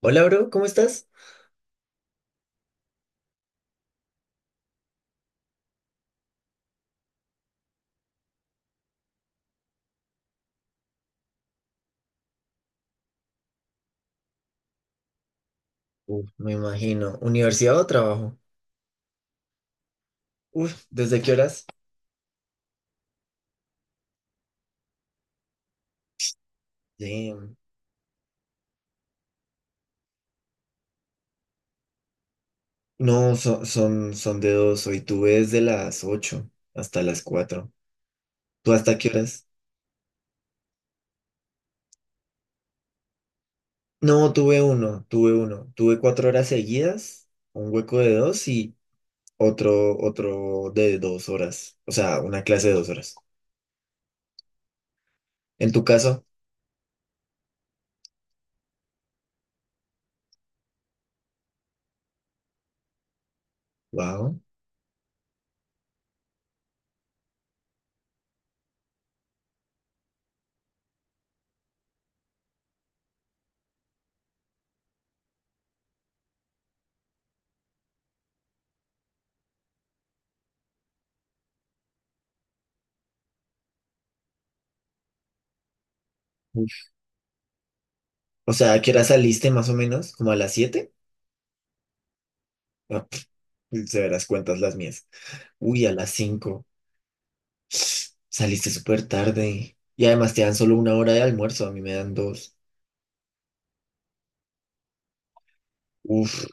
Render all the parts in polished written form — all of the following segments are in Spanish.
Hola, bro, ¿cómo estás? Uf, me imagino. ¿Universidad o trabajo? Uf, ¿desde qué horas? Damn. No, son de dos. Hoy tuve desde las 8 hasta las 4. ¿Tú hasta qué horas? No, tuve uno. Tuve cuatro horas seguidas, un hueco de dos y otro de dos horas. O sea, una clase de dos horas. En tu caso, wow. Uf. O sea, ¿a qué hora saliste más o menos? ¿Como a las 7? Ah, pf, se verás cuentas las mías. Uy, a las 5. Saliste súper tarde. Y además te dan solo una hora de almuerzo, a mí me dan dos. Uf.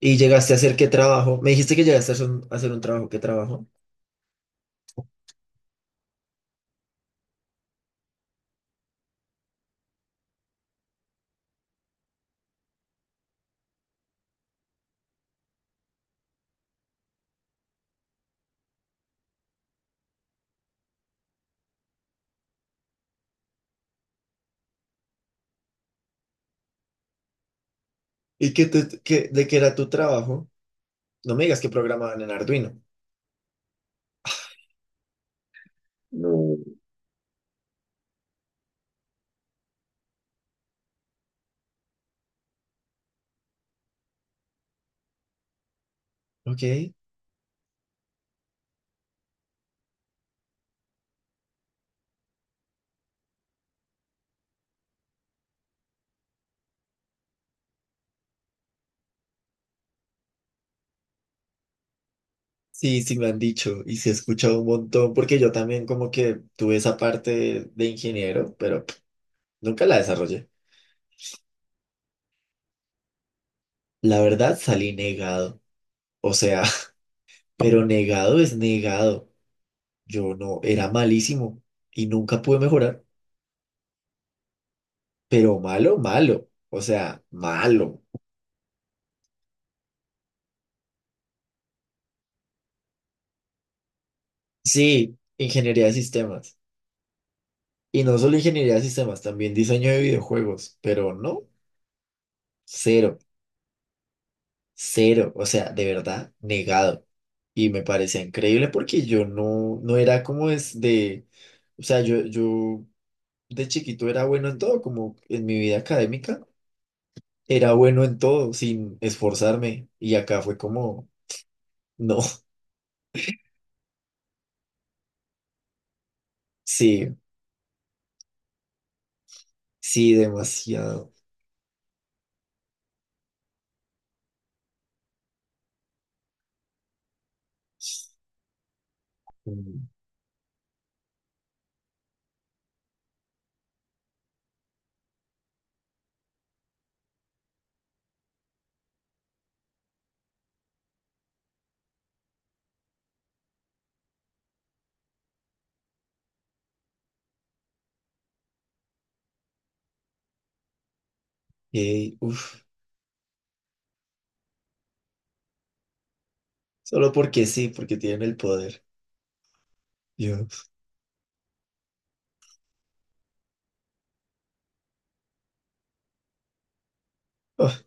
¿Y llegaste a hacer qué trabajo? Me dijiste que llegaste a hacer un trabajo. ¿Qué trabajo? ¿Y de qué era tu trabajo? No me digas que programaban en Arduino. No. Ok. Sí, sí me han dicho y se ha escuchado un montón porque yo también como que tuve esa parte de ingeniero, pero nunca la desarrollé. La verdad salí negado. O sea, pero negado es negado. Yo no, era malísimo y nunca pude mejorar, pero malo, malo, o sea, malo. Sí, ingeniería de sistemas. Y no solo ingeniería de sistemas, también diseño de videojuegos, pero no, cero, cero, o sea, de verdad, negado. Y me parecía increíble porque yo no, no era como es de, o sea, yo de chiquito era bueno en todo, como en mi vida académica, era bueno en todo sin esforzarme. Y acá fue como, no, sí. Sí, demasiado. Mm, ey, uf, solo porque sí, porque tienen el poder. Yo, ah,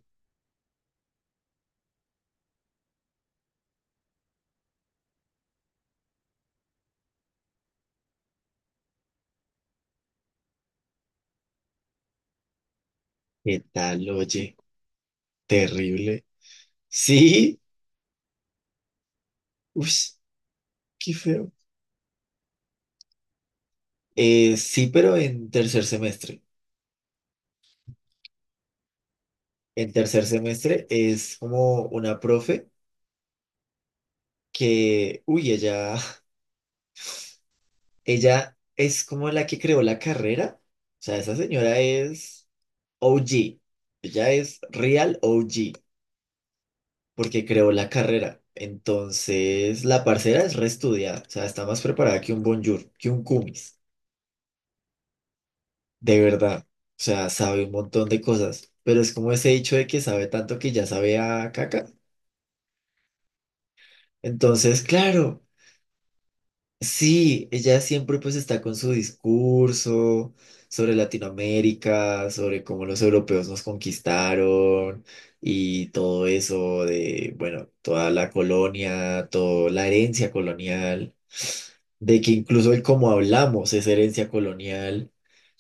¿qué tal? Oye, terrible. Sí, uf, qué feo. Sí, pero en tercer semestre. En tercer semestre es como una profe que, uy, ella, ella es como la que creó la carrera. O sea, esa señora es OG. Ella es real OG porque creó la carrera. Entonces, la parcera es reestudiada, o sea, está más preparada que un Bonjour, que un Cumis, de verdad. O sea, sabe un montón de cosas, pero es como ese dicho de que sabe tanto que ya sabe a caca. Entonces, claro, sí, ella siempre pues está con su discurso sobre Latinoamérica, sobre cómo los europeos nos conquistaron y todo eso de, bueno, toda la colonia, toda la herencia colonial. De que incluso el cómo hablamos es herencia colonial,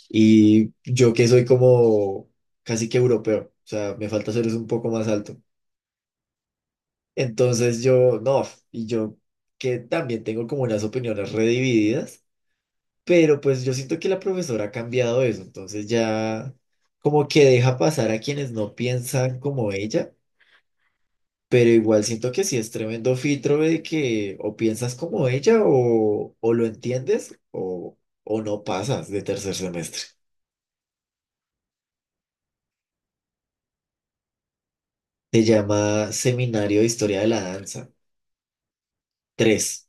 y yo que soy como casi que europeo, o sea, me falta ser un poco más alto. Entonces yo, no, y yo que también tengo como unas opiniones redivididas, pero pues yo siento que la profesora ha cambiado eso, entonces ya como que deja pasar a quienes no piensan como ella. Pero igual siento que sí es tremendo filtro de que o piensas como ella o, lo entiendes o no pasas de tercer semestre. Se llama Seminario de Historia de la Danza Tres.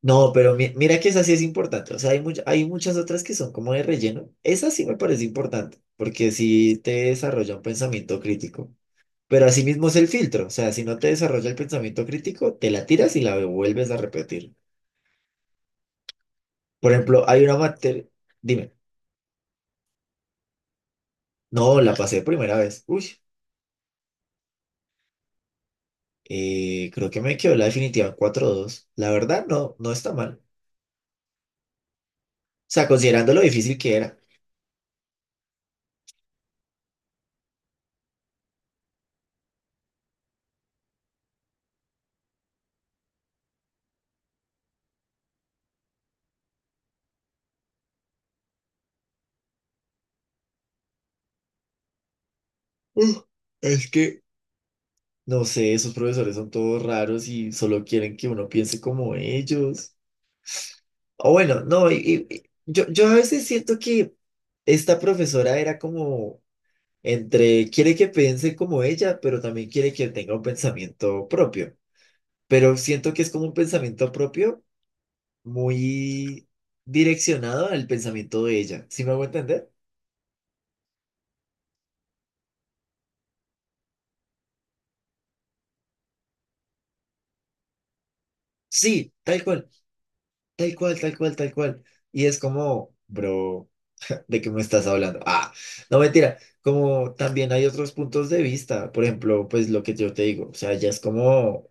No, pero mira que esa sí es importante. O sea, hay muchas otras que son como de relleno. Esa sí me parece importante porque sí te desarrolla un pensamiento crítico. Pero asimismo es el filtro. O sea, si no te desarrolla el pensamiento crítico, te la tiras y la vuelves a repetir. Por ejemplo, hay una materia. Dime. No, la pasé primera vez. Uy, creo que me quedó la definitiva en 4-2. La verdad, no, no está mal. O sea, considerando lo difícil que era. Uh, es que, no sé, esos profesores son todos raros y solo quieren que uno piense como ellos. O bueno, no, yo a veces siento que esta profesora era como entre quiere que piense como ella, pero también quiere que tenga un pensamiento propio. Pero siento que es como un pensamiento propio muy direccionado al pensamiento de ella. ¿Sí me hago entender? Sí, tal cual, tal cual, tal cual, tal cual. Y es como, bro, ¿de qué me estás hablando? Ah, no mentira, como también hay otros puntos de vista, por ejemplo, pues lo que yo te digo, o sea, ya es como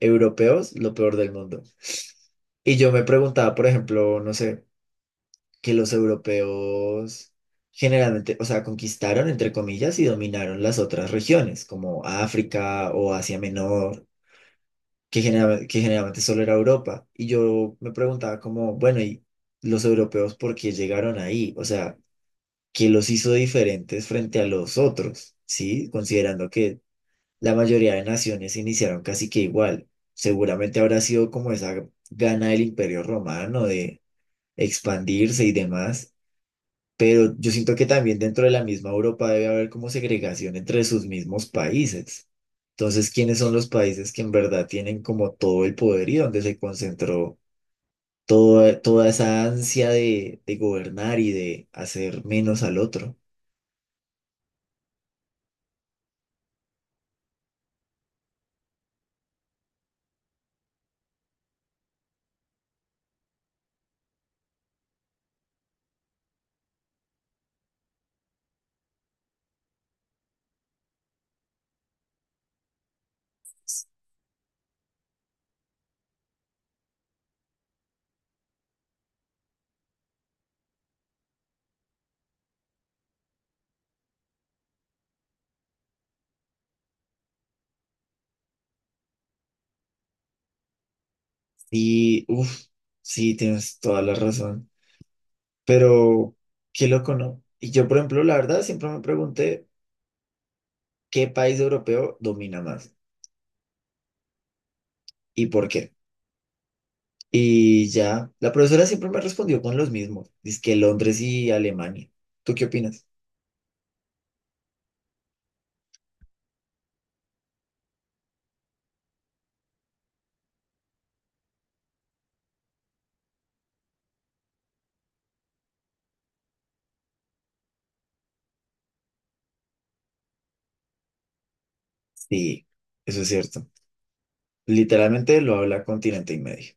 europeos, lo peor del mundo. Y yo me preguntaba, por ejemplo, no sé, que los europeos generalmente, o sea, conquistaron, entre comillas, y dominaron las otras regiones, como África o Asia Menor, que generalmente solo era Europa. Y yo me preguntaba como, bueno, ¿y los europeos por qué llegaron ahí? O sea, ¿qué los hizo diferentes frente a los otros? ¿Sí? Considerando que la mayoría de naciones iniciaron casi que igual. Seguramente habrá sido como esa gana del Imperio Romano de expandirse y demás, pero yo siento que también dentro de la misma Europa debe haber como segregación entre sus mismos países. Entonces, ¿quiénes son los países que en verdad tienen como todo el poder y donde se concentró toda, toda esa ansia de gobernar y de hacer menos al otro? Y, uff, sí, tienes toda la razón. Pero, qué loco, ¿no? Y yo, por ejemplo, la verdad, siempre me pregunté qué país europeo domina más y por qué. Y ya, la profesora siempre me respondió con los mismos, que Londres y Alemania. ¿Tú qué opinas? Sí, eso es cierto. Literalmente lo habla continente y medio.